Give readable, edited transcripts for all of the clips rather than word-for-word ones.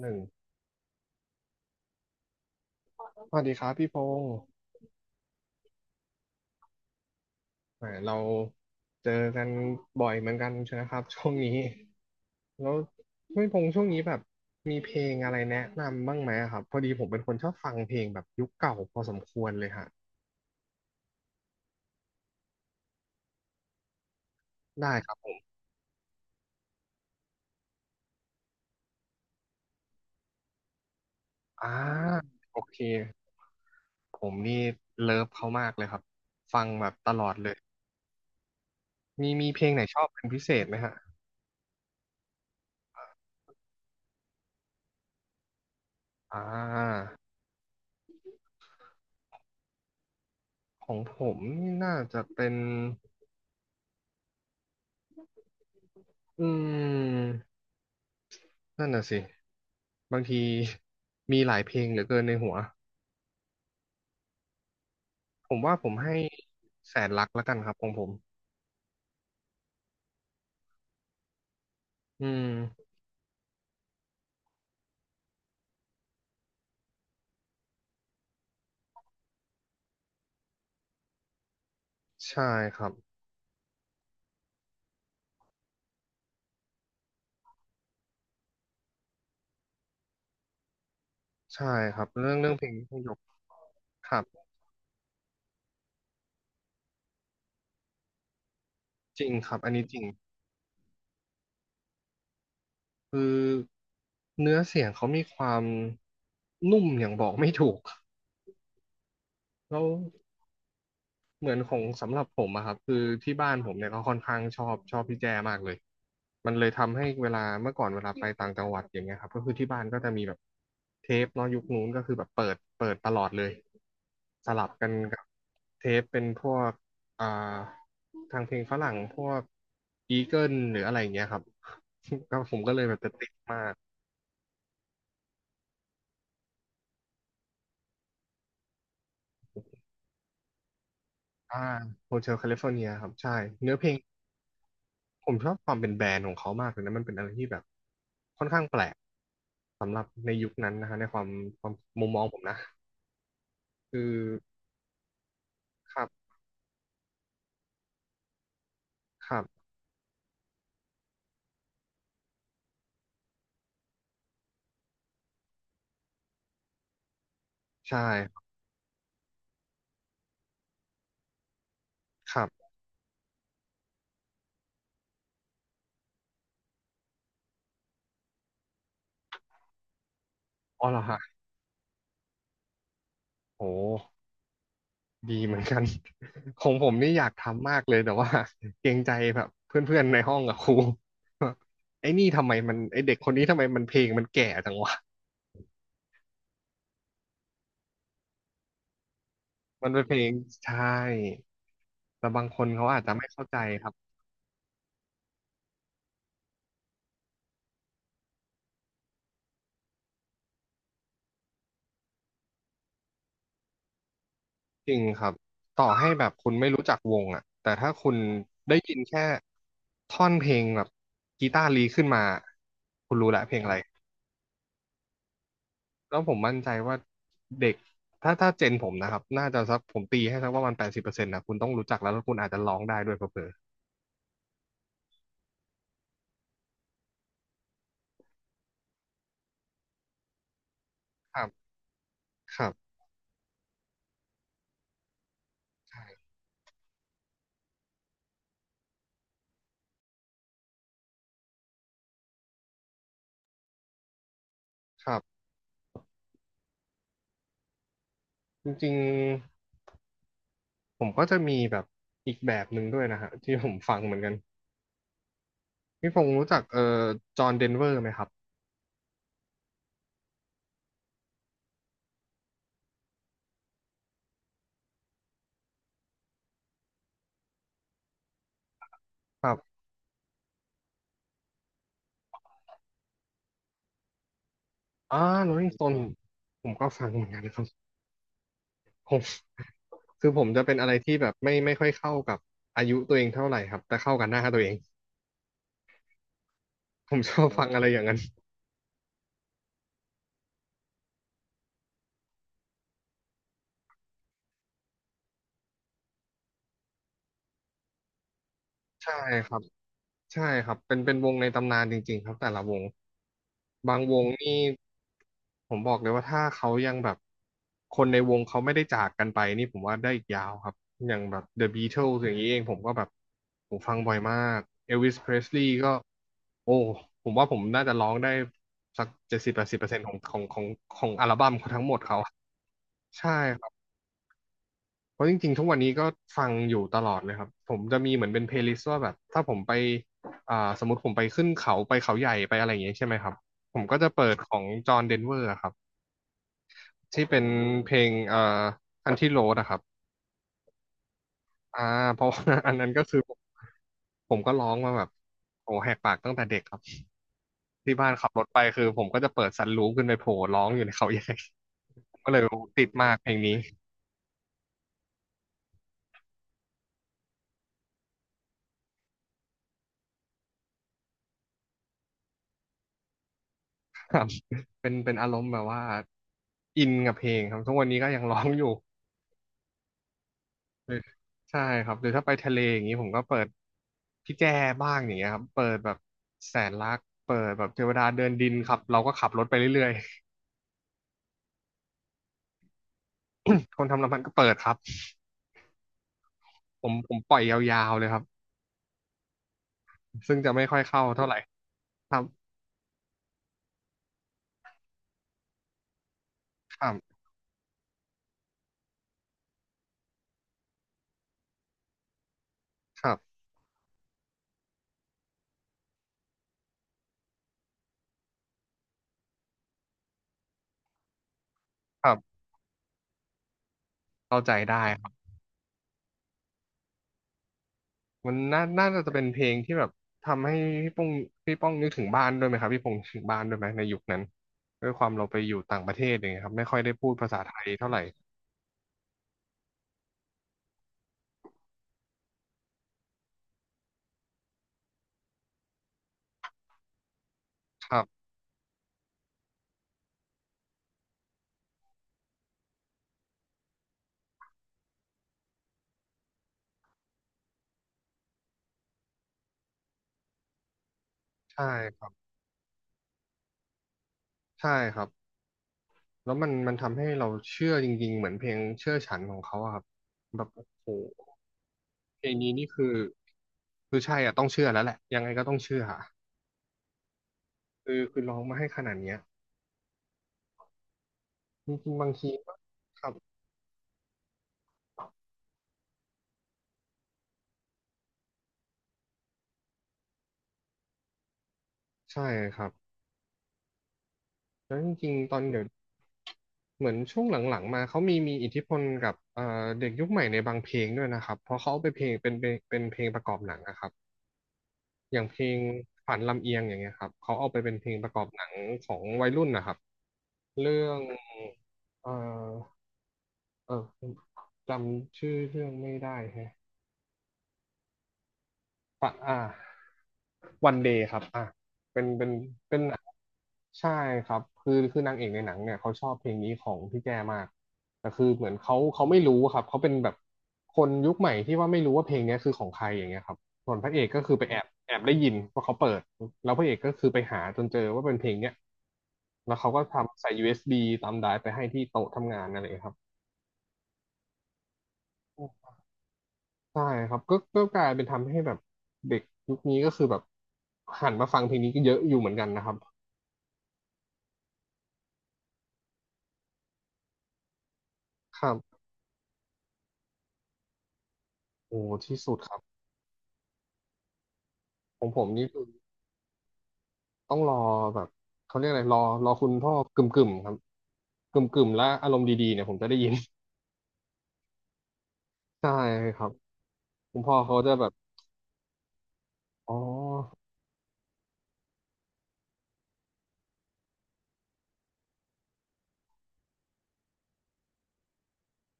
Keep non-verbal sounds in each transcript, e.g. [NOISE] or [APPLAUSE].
หนึ่งสวัสดีครับพี่พงศ์แหมเราเจอกันบ่อยเหมือนกันใช่ไหมครับช่วงนี้แล้วพี่พงศ์ช่วงนี้แบบมีเพลงอะไรแนะนำบ้างไหมอะครับพอดีผมเป็นคนชอบฟังเพลงแบบยุคเก่าพอสมควรเลยฮะได้ครับอ่าโอเคผมนี่เลิฟเขามากเลยครับฟังแบบตลอดเลยมีเพลงไหนชอบเป็นพิเศษไหมฮะอ่าของผมนี่น่าจะเป็นอืม นั่นน่ะสิบางที [LAUGHS] มีหลายเพลงเหลือเกินในหัวผมว่าผมให้แสนรักแล้วกันครับของผมอืมใช่ครับใช่ครับเรื่องเพลงนี้ต้งยกครับจริงครับอันนี้จริงคือเนื้อเสียงเขามีความนุ่มอย่างบอกไม่ถูกแล้ว เหมือนของสำหรับผมอะครับคือที่บ้านผมเนี่ยก็ค่อนข้างชอบพี่แจมากเลยมันเลยทำให้เวลาเมื่อก่อนเวลาไปต่างจังหวัดอย่างเงี้ยครับก็คือที่บ้านก็จะมีแบบเทปเนาะยุคนู้นก็คือแบบเปิดตลอดเลยสลับกันกับเทปเป็นพวกอ่าทางเพลงฝรั่งพวกอีเกิลหรืออะไรอย่างเงี้ยครับ [LAUGHS] ก็ผมก็เลยแบบจะติดมากอ่าโฮเทลแคลิฟอร์เนียครับใช่เนื้อเพลง ผมชอบความเป็นแบรนด์ของเขามากเลยนะมันเป็นอะไรที่แบบค่อนข้างแปลกสำหรับในยุคนั้นนะฮะในความความมุมมองผมนะคือครับครับใช่ครับอ๋อเหรอฮะโหดีเหมือนกัน [LAUGHS] ของผมนี่อยากทำมากเลยแต่ว่าเกรงใจแบบเพื่อนๆในห้องกับครูว่าไอ้นี่ทำไมมันไอ้เด็กคนนี้ทำไมมันเพลงมันแก่จังวะมันเป็นเพลงใช่แต่บางคนเขาอาจจะไม่เข้าใจครับ จริงครับต่อให้แบบคุณไม่รู้จักวงอ่ะแต่ถ้าคุณได้ยินแค่ท่อนเพลงแบบกีตาร์ลีขึ้นมาคุณรู้แหละเพลงอะไรแล้วผมมั่นใจว่าเด็กถ้าเจนผมนะครับน่าจะสักผมตีให้สักประมาณแปดสิบเปอร์เซ็นต์นะคุณต้องรู้จักแล้วคุณอาจจะร้องได้ด้วยเผลอๆครับครับใช่ครับจริงๆผมก็จะมีแบบอีกแบบหนึ่งด้วยนะฮะที่ผมฟังเหมือนกันพี่พงศ์รู้จักจอห์นเดนเวอร์ไหมครับครับอ่าโรลิงสโตนผมก็ฟังเหมือนกันครับ ผม [LAUGHS] คือผมจะเป็นอะไรที่แบบไม่ค่อยเข้ากับอายุตัวเองเท่าไหร่ครับแต่เข้ากับหน้าตัวเอง [LAUGHS] ผมชอบฟังอะไรอย่างนั้นใช่ครับ ใช่ครับเป็นวงในตำนานจริงๆครับแต่ละวง บางวงนี่ผมบอกเลยว่าถ้าเขายังแบบ คนในวงเขาไม่ได้จากกันไปนี่ผมว่าได้อีกยาวครับ อย่างแบบ The Beatles อย่างนี้เองผมก็แบบ ผมฟังบ่อยมาก Elvis Presley ก็ โอ้ ผมว่าผมน่าจะร้องได้สัก70-80%ของอัลบั้มเขาทั้งหมดเขาใช่ เพราะจริงๆทุกวันนี้ก็ฟังอยู่ตลอดเลยครับ ผมจะมีเหมือนเป็นเพลย์ลิสต์ว่าแบบถ้าผมไปสมมติผมไปขึ้นเขาไปเขาใหญ่ไปอะไรอย่างเงี้ยใช่ไหมครับ ผมก็จะเปิดของจอห์นเดนเวอร์ครับที่เป็นเพลงอันที่โรดอะครับอ่าเพราะว่า [LAUGHS] อันนั้นก็คือผมก็ร้องมาแบบโอ้แหกปากตั้งแต่เด็กครับที่บ้านขับรถไปคือผมก็จะเปิดสันลูปขึ้นไปโผล่ร้องอยู่ในเขาใหญ่ [LAUGHS] ก็เลยติดมากเพลงนี้ครับเป็นอารมณ์แบบว่าอินกับเพลงครับทุกวันนี้ก็ยังร้องอยู่ หรือใช่ครับหรือถ้าไปทะเลอย่างนี้ผมก็เปิดพี่แจ้บ้างอย่างเงี้ยครับเปิดแบบแสนรักเปิดแบบเทวดาเดินดินครับเราก็ขับรถไปเรื่อยๆ [LAUGHS] คนทำน้ำมันก็เปิดครับผมปล่อยยาวๆเลยครับซึ่งจะไม่ค่อยเข้าเท่าไหร่ครับครับครับครับเข้าใจได้ครับมันน่าจะเป็นเพลงที่แบบทำให้พี่ป้องนึกถึงบ้านด้วยไหมครับพี่พงษ์ถึงบ้านด้วยไหมในยุคนั้นด้วยความเราไปอยู่ต่างประเทศอย่างเงี้ยครับไม่ค่อยได้พูดภาษาไทยเท่าไหร่ครับใช่ครับใช่ครับ แล้วมันทำให้เราเชื่อจริงๆเหมือนเพลงเชื่อฉันของเขาอะครับแบบโอ้โหเพลงนี้นี่คือใช่อะต้องเชื่อแล้วแหละยังไงก็ต้องเชื่ออะคือร้องมาให้ขนาดเนี้ยจริงๆบางทีก็ครับใช่ครับแล้วจริงๆตอนเดี๋ยวเหมือนช่วงหลังๆมาเขามีอิทธิพลกับเด็กยุคใหม่ในบางเพลงด้วยนะครับเพราะเขาเอาไปเพลงเป็นเพลงประกอบหนังนะครับอย่างเพลงฝันลำเอียงอย่างเงี้ยครับเขาเอาไปเป็นเพลงประกอบหนังของวัยรุ่นนะครับเรื่องเอ่อ เออจำชื่อเรื่องไม่ได้แฮะอ่ะอ่าวันเดย์ครับอ่าเป็นเป็นเป็นหนังใช่ครับคือนางเอกในหนังเนี่ยเขาชอบเพลงนี้ของพี่แจมากแต่คือเหมือนเขาไม่รู้ครับเขาเป็นแบบคนยุคใหม่ที่ว่าไม่รู้ว่าเพลงเนี้ยคือของใครอย่างเงี้ยครับส่วนพระเอกก็คือไปแอบได้ยินว่าเขาเปิดแล้วพระเอกก็คือไปหาจนเจอว่าเป็นเพลงเนี้ยแล้วเขาก็ทำใส่ USB ตามไดรฟ์ไปให้ที่โต๊ะทำงานนั่นเองครับ ใช่ครับก็กลายเป็นทำให้แบบเด็กยุคนี้ก็คือแบบหันมาฟังเพลงนี้ก็เยอะอยู่เหมือนกันนะครับครับโอ้ที่สุดครับของผมนี่คือต้องรอแบบเขาเรียกอะไรรอคุณพ่อกึ่มกึ่มครับกึ่มกึ่มและอารมณ์ดีๆเนี่ยผมจะได้ยิน [LAUGHS] ใช่ครับคุณพ่อเขาจะแบบอ๋อ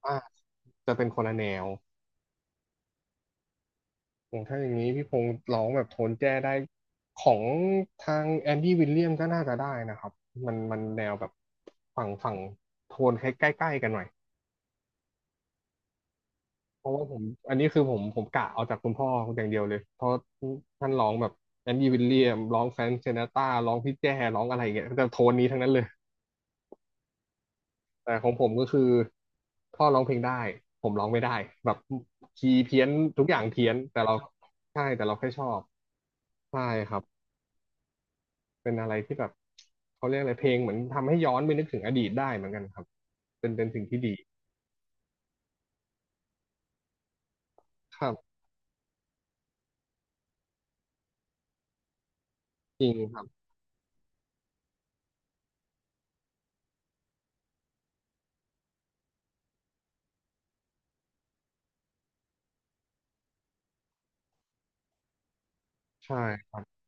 อ่ะจะเป็นคนละแนวอย่างถ้าอย่างนี้พี่พงษ์ร้องแบบโทนแจ้ได้ของทางแอนดี้วิลเลียมก็น่าจะได้นะครับมันแนวแบบฝั่งโทนใกล้ๆกันหน่อย เพราะว่าผมอันนี้คือผมกะเอาจากคุณพ่ออย่างเดียวเลยเพราะท่านร้องแบบแอนดี้วิลเลียมร้องแฟรงค์ซินาตราร้องพี่แจ้ร้องอะไรอย่างเงี้ยแต่โทนนี้ทั้งนั้นเลยแต่ของผมก็คือพ่อร้องเพลงได้ผมร้องไม่ได้แบบคีย์เพี้ยนทุกอย่างเพี้ยนแต่เราใช่แต่เราแค่ชอบใช่ครับเป็นอะไรที่แบบเขาเรียกอะไรเพลงเหมือนทำให้ย้อนไปนึกถึงอดีตได้เหมือนกันครับเป็นสิ่งที่ดีครับจริงครับใช่ครับ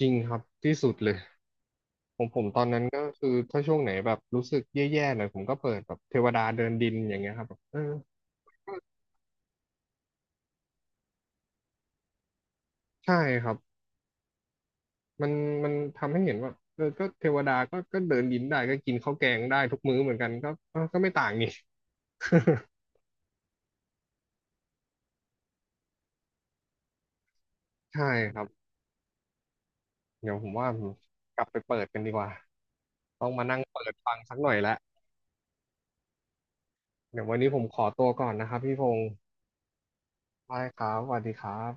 จริงครับที่สุดเลย ผมตอนนั้นก็คือถ้าช่วงไหนแบบรู้สึกแย่ๆหน่อยผมก็เปิดแบบเทวดาเดินดินอย่างเงี้ยครับแบบเออใช่ครับมันทำให้เห็นว่าเออก็เทวดาก็เดินดินได้ก็กินข้าวแกงได้ทุกมื้อเหมือนกันก็เออก็ไม่ต่างนี่ [LAUGHS] ใช่ครับเดี๋ยวผมว่าผมกลับไปเปิดกันดีกว่าต้องมานั่งเปิดฟังสักหน่อยแล้วเดี๋ยววันนี้ผมขอตัวก่อนนะครับพี่พงศ์ได้ครับสวัสดีครับ